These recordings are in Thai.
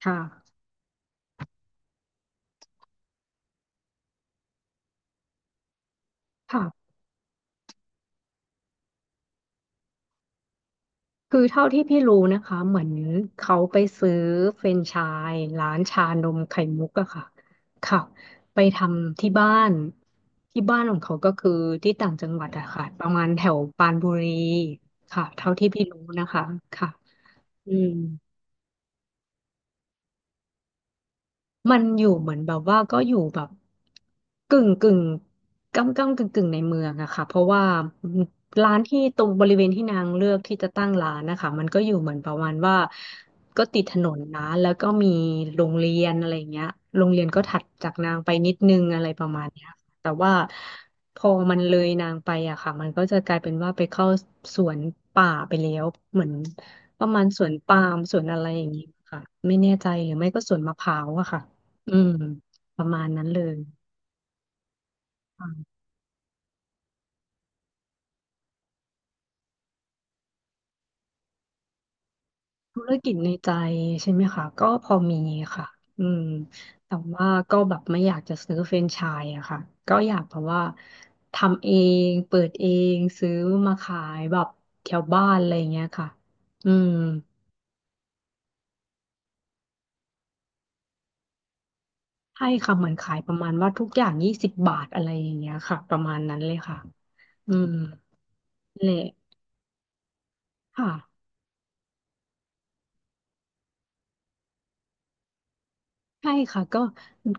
ค่ะค่ะ คือเท่าที่พี่รู้นะคะ เหมือนเขาไปซื้อเฟรนไชส์ร้านชานมไข่มุกอะค่ะค่ะ ไปทำที่บ้าน ที่บ้านของเขาก็คือที่ต่างจังหวัดอะค่ะประมาณแถวปรานบุรีค่ะเท่าที่พี่รู้นะคะค่ะอืม มันอยู่เหมือนแบบว่าก็อยู่แบบกึ่งกึ่งก้ำก้ำกึ่งกึ่งในเมืองอะค่ะเพราะว่าร้านที่ตรงบริเวณที่นางเลือกที่จะตั้งร้านนะคะมันก็อยู่เหมือนประมาณว่าก็ติดถนนนะแล้วก็มีโรงเรียนอะไรอย่างเงี้ยโรงเรียนก็ถัดจากนางไปนิดนึงอะไรประมาณเนี้ยค่ะแต่ว่าพอมันเลยนางไปอะค่ะมันก็จะกลายเป็นว่าไปเข้าสวนป่าไปแล้วเหมือนประมาณสวนปาล์มสวนอะไรอย่างงี้ค่ะไม่แน่ใจหรือไม่ก็สวนมะพร้าวอะค่ะ อืมประมาณนั้นเลยอ่าธุรกิจในใจใช่ไหมคะก็พอมีค่ะอืมแต่ว่าก็แบบไม่อยากจะซื้อแฟรนไชส์อะค่ะก็อยากแบบว่าทำเองเปิดเองซื้อมาขายแบบแถวบ้านอะไรอย่างเงี้ยค่ะอืมให้คำเหมือนขายประมาณว่าทุกอย่างยี่สิบบาทอะไรอย่างเงี้ยค่ะประมาณนั้นเลยค่ะอืมแหละค่ะ ใช่ค่ะก็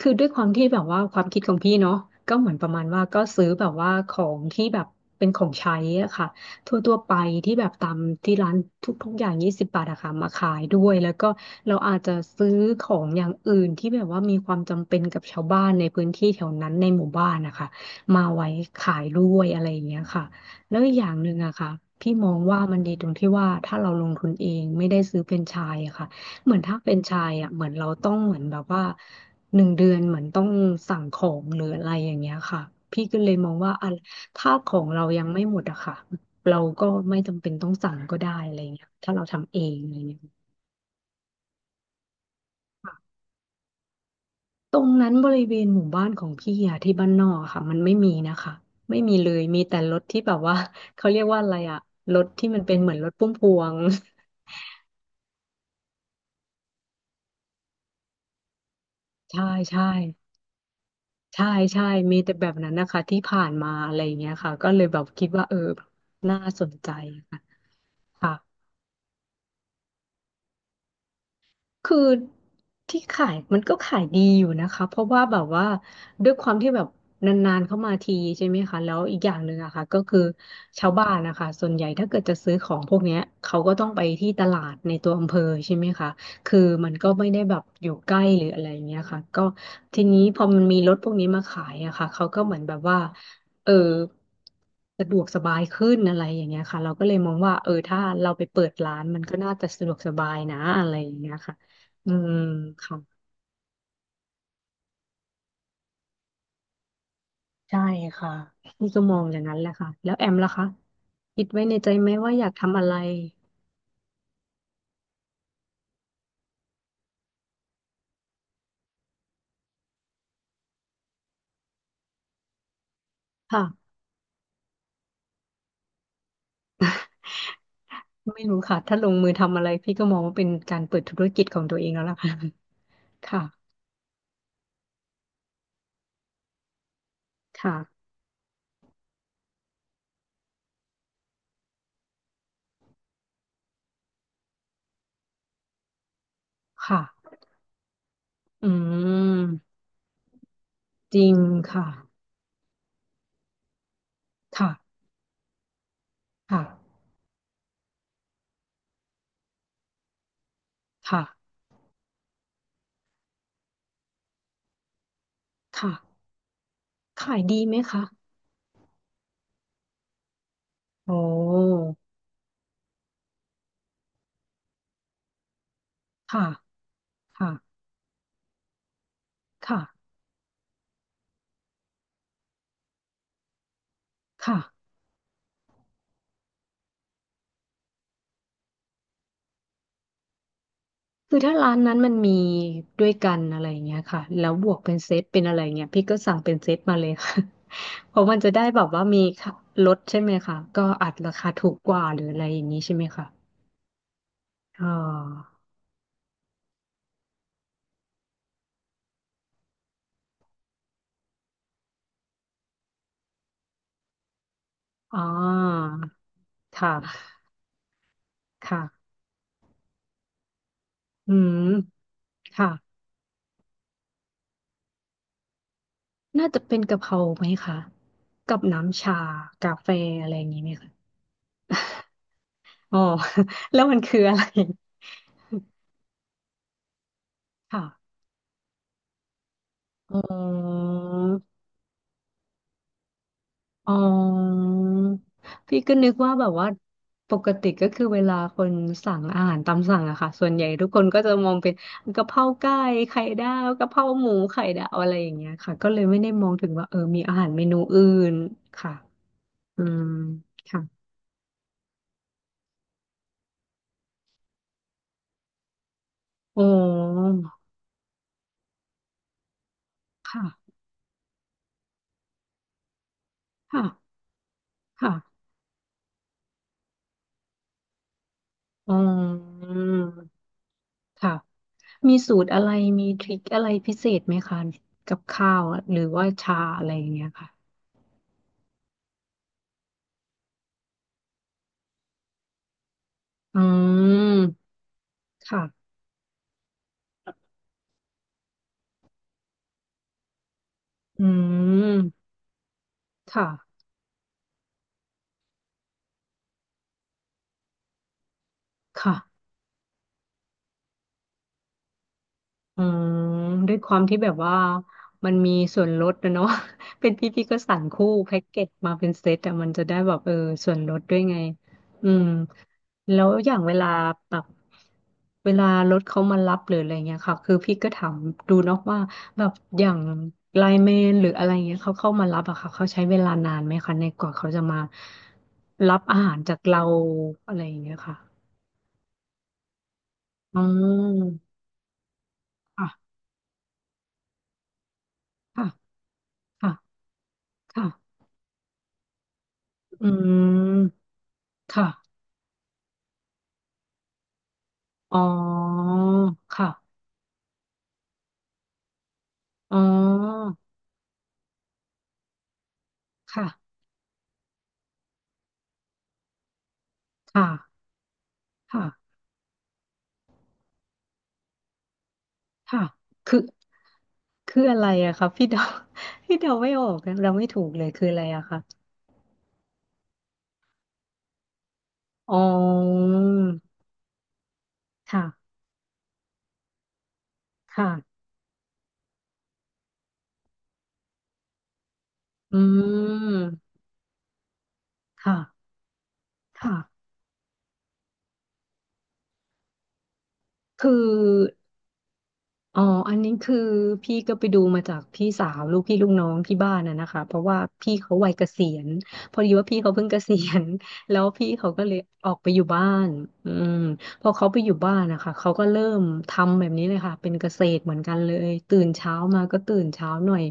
คือด้วยความที่แบบว่าความคิดของพี่เนาะก็เหมือนประมาณว่าก็ซื้อแบบว่าของที่แบบเป็นของใช้อะค่ะทั่วไปที่แบบตามที่ร้านทุกๆอย่างยี่สิบบาทอะค่ะมาขายด้วยแล้วก็เราอาจจะซื้อของอย่างอื่นที่แบบว่ามีความจำเป็นกับชาวบ้านในพื้นที่แถวนั้นในหมู่บ้านนะคะมาไว้ขายด้วยอะไรอย่างเงี้ยค่ะแล้วอีกอย่างหนึ่งอะค่ะพี่มองว่ามันดีตรงที่ว่าถ้าเราลงทุนเองไม่ได้ซื้อแฟรนไชส์อะค่ะ เหมือนถ้าเป็นชายอ่ะเหมือนเราต้องเหมือนแบบว่าหนึ่งเดือนเหมือนต้องสั่งของหรืออะไรอย่างเงี้ยค่ะพี่ก็เลยมองว่าอะถ้าของเรายังไม่หมดอะค่ะเราก็ไม่จำเป็นต้องสั่งก็ได้อะไรเงี้ยถ้าเราทำเองอะไรเงี้ยค่ะตรงนั้นบริเวณหมู่บ้านของพี่อะที่บ้านนอกอะค่ะมันไม่มีนะคะไม่มีเลยมีแต่รถที่แบบว่า เขาเรียกว่าอะไรอะรถที่มันเป็นเหมือนรถพุ่มพวง ใช่ใช่ ใช่ใช่มีแต่แบบนั้นนะคะที่ผ่านมาอะไรอย่างเงี้ยค่ะก็เลยแบบคิดว่าแบบน่าสนใจค่ะค่ะ คือที่ขายมันก็ขายดีอยู่นะคะเพราะว่าแบบว่าด้วยความที่แบบนานๆเข้ามาทีใช่ไหมคะแล้วอีกอย่างหนึ่งอะค่ะก็คือชาวบ้านนะคะส่วนใหญ่ถ้าเกิดจะซื้อของพวกเนี้ยเขาก็ต้องไปที่ตลาดในตัวอำเภอใช่ไหมคะคือมันก็ไม่ได้แบบอยู่ใกล้หรืออะไรอย่างเงี้ยค่ะก็ทีนี้พอมันมีรถพวกนี้มาขายอะค่ะเขาก็เหมือนแบบว่าเออสะดวกสบายขึ้นอะไรอย่างเงี้ยค่ะเราก็เลยมองว่าถ้าเราไปเปิดร้านมันก็น่าจะสะดวกสบายนะอะไรอย่างเงี้ยค่ะ อืมค่ะใช่ค่ะนี่ก็มองอย่างนั้นแหละค่ะแล้วแอมล่ะคะคิดไว้ในใจไหมว่าอยากทำอะไรค่ะไม่รู้ค่ะถ้าลงมือทำอะไรพี่ก็มองว่าเป็นการเปิดธุรกิจของตัวเองแล้วล่ะ ค่ะค่ะค่ะค่ะอืมจริงค่ะค่ะค่ะค่ะค่ะขายดีไหมคะโอ้ค่ะค่ะค่ะค่ะ คือถ้าร้านนั้นมันมีด้วยกันอะไรอย่างเงี้ยค่ะแล้วบวกเป็นเซตเป็นอะไรเงี้ยพี่ก็สั่งเป็นเซตมาเลยค่ะ เพราะมันจะได้แบบว่ามีค่ะลดใช่ไหมคะก็อัดราคาถูกกว่าหรืออะไรอย่างนี้ใช่ไหมคะอ๋ออ๋อค่ะค่ะอืมค่ะน่าจะเป็นกะเพราไหมคะกับน้ำชากาแฟอะไรอย่างนี้ไหมคะอ๋อ แล้วมันคืออะไรค่ะอ๋อ อ๋อพี่ก็นึกว่าแบบว่าปกติก็คือเวลาคนสั่งอาหารตามสั่งอะค่ะส่วนใหญ่ทุกคนก็จะมองเป็นกะเพราไก่ไข่ดาวกะเพราหมูไข่ดาวอะไรอย่างเงี้ยค่ะก็เลยไม่ได้มองถึงว่ามีอาหารเมนูอื่นค่ะอืมค่ะอ๋อค่ะค่ะค่ะอ๋อค่ะมีสูตรอะไรมีทริคอะไรพิเศษไหมคะกับข้าวอะหรือว่าชาอะไรอย่างเงี้ยค่ะอืมค่ะ อืมค่ะค่ะอืมด้วยความที่แบบว่ามันมีส่วนลดนะเนาะ เป็นพี่ก็สั่งคู่แพ็กเกจมาเป็นเซตอะมันจะได้แบบส่วนลดด้วยไงอืมแล้วอย่างเวลาแบบเวลารถเขามารับหรืออะไรเงี้ยค่ะ คือพี่ก็ถามดูเนาะว่าแบบอย่างไลน์แมนหรืออะไรเงี้ยเขาเข้ามารับอะค่ะเขาใช้เวลานานไหมคะในกว่าเขาจะมารับอาหารจากเราอะไรอย่างเงี้ยค่ะอืมค่ะ ค่ะค่ะค่ะอืมค่ะอ๋อค่ะอ๋อค่ะค่ะค่ะค่ะคือ คืออะไรอะคะพี่เดา พี่เดาไม่ออกนะเราไม่ถูกเลยคืออะไรอะคะอ๋อค่ะค่ะอืมค่ะค่ะ คือ อ๋ออันนี้คือพี่ก็ไปดูมาจากพี่สาวลูกพี่ลูกน้องที่บ้านน่ะนะคะเพราะว่าพี่เขาวัยเกษียณพอดีว่าพี่เขาเพิ่งเกษียณแล้วพี่เขาก็เลยออกไปอยู่บ้านอืมพอเขาไปอยู่บ้านนะคะเขาก็เริ่มทำแบบนี้เลยค่ะเป็นเกษตรเหมือนกันเลยตื่นเช้ามาก็ตื่นเช้าหน่อย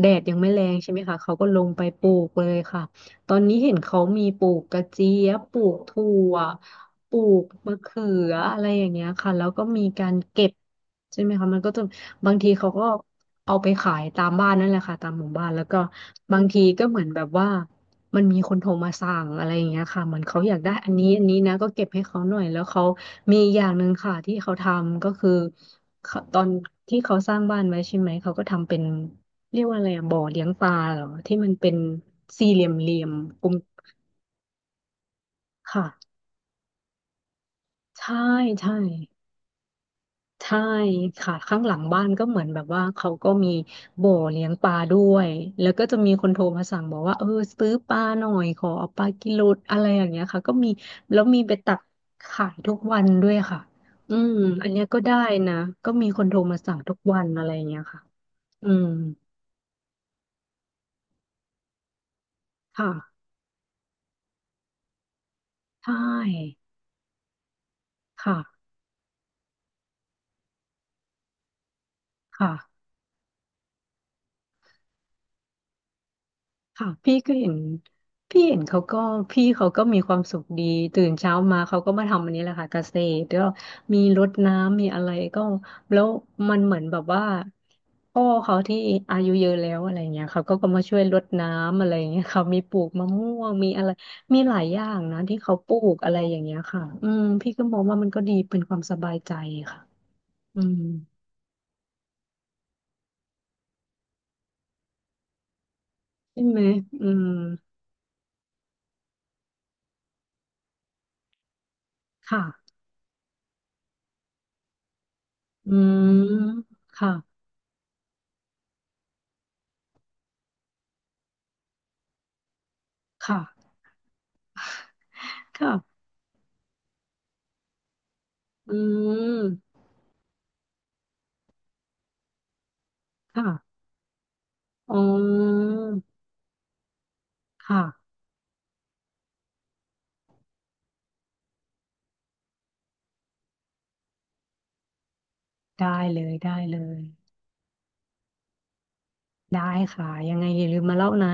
แดดยังไม่แรงใช่ไหมคะเขาก็ลงไปปลูกเลยค่ะตอนนี้เห็นเขามีปลูกกระเจี๊ยบปลูกถั่วปลูกมะเขืออะไรอย่างเงี้ยค่ะแล้วก็มีการเก็บ ใช่ไหมคะมันก็จะบางทีเขาก็เอาไปขายตามบ้านนั่นแหละค่ะตามหมู่บ้านแล้วก็บางทีก็เหมือนแบบว่ามันมีคนโทรมาสั่งอะไรอย่างเงี้ยค่ะเหมือนเขาอยากได้อันนี้อันนี้นะก็เก็บให้เขาหน่อยแล้วเขามีอย่างหนึ่งค่ะที่เขาทำก็คือเขาตอนที่เขาสร้างบ้านไว้ใช่ไหมเขาก็ทำเป็นเรียกว่าอะไรอะบ่อเลี้ยงปลาเหรอที่มันเป็นสี่เหลี่ยมกลมค่ะใช่ใช่ ใช่ค่ะข้างหลังบ้านก็เหมือนแบบว่าเขาก็มีบ่อเลี้ยงปลาด้วยแล้วก็จะมีคนโทรมาสั่งบอกว่าเออซื้อปลาหน่อยขอเอาปลากิโลอะไรอย่างเงี้ยค่ะก็มีแล้วมีไปตักขายทุกวันด้วยค่ะอืมอันเนี้ยก็ได้นะก็มีคนโทรมาสั่งทุกวันอะไรอย่างเงี้ยค่ะอืมค่ะใช่ค่ะค่ะ ค่ะพี่ก็เห็นพี่เห็นเขาก็พี่เขาก็มีความสุขดีตื่นเช้ามาเขาก็มาทำอันนี้แหละค่ะเกษตรแล้วมีรดน้ำมีอะไรก็แล้วมันเหมือนแบบว่าพ่อเขาที่อายุเยอะแล้วอะไรเงี้ยเขาก็มาช่วยรดน้ำอะไรเงี้ยเขามีปลูกมะม่วงมีอะไรมีหลายอย่างนะที่เขาปลูกอะไรอย่างเงี้ยค่ะอืมพี่ก็มองว่ามันก็ดีเป็นความสบายใจค่ะอืมใช่ไหมอืมค่ะอืมค่ะค่ะค่ะ อืม ค่ะอ๋อค่ะ ได้เลย ได้เลย ได้ค่ะ ยังไงอย่าลืมมาเล่านะ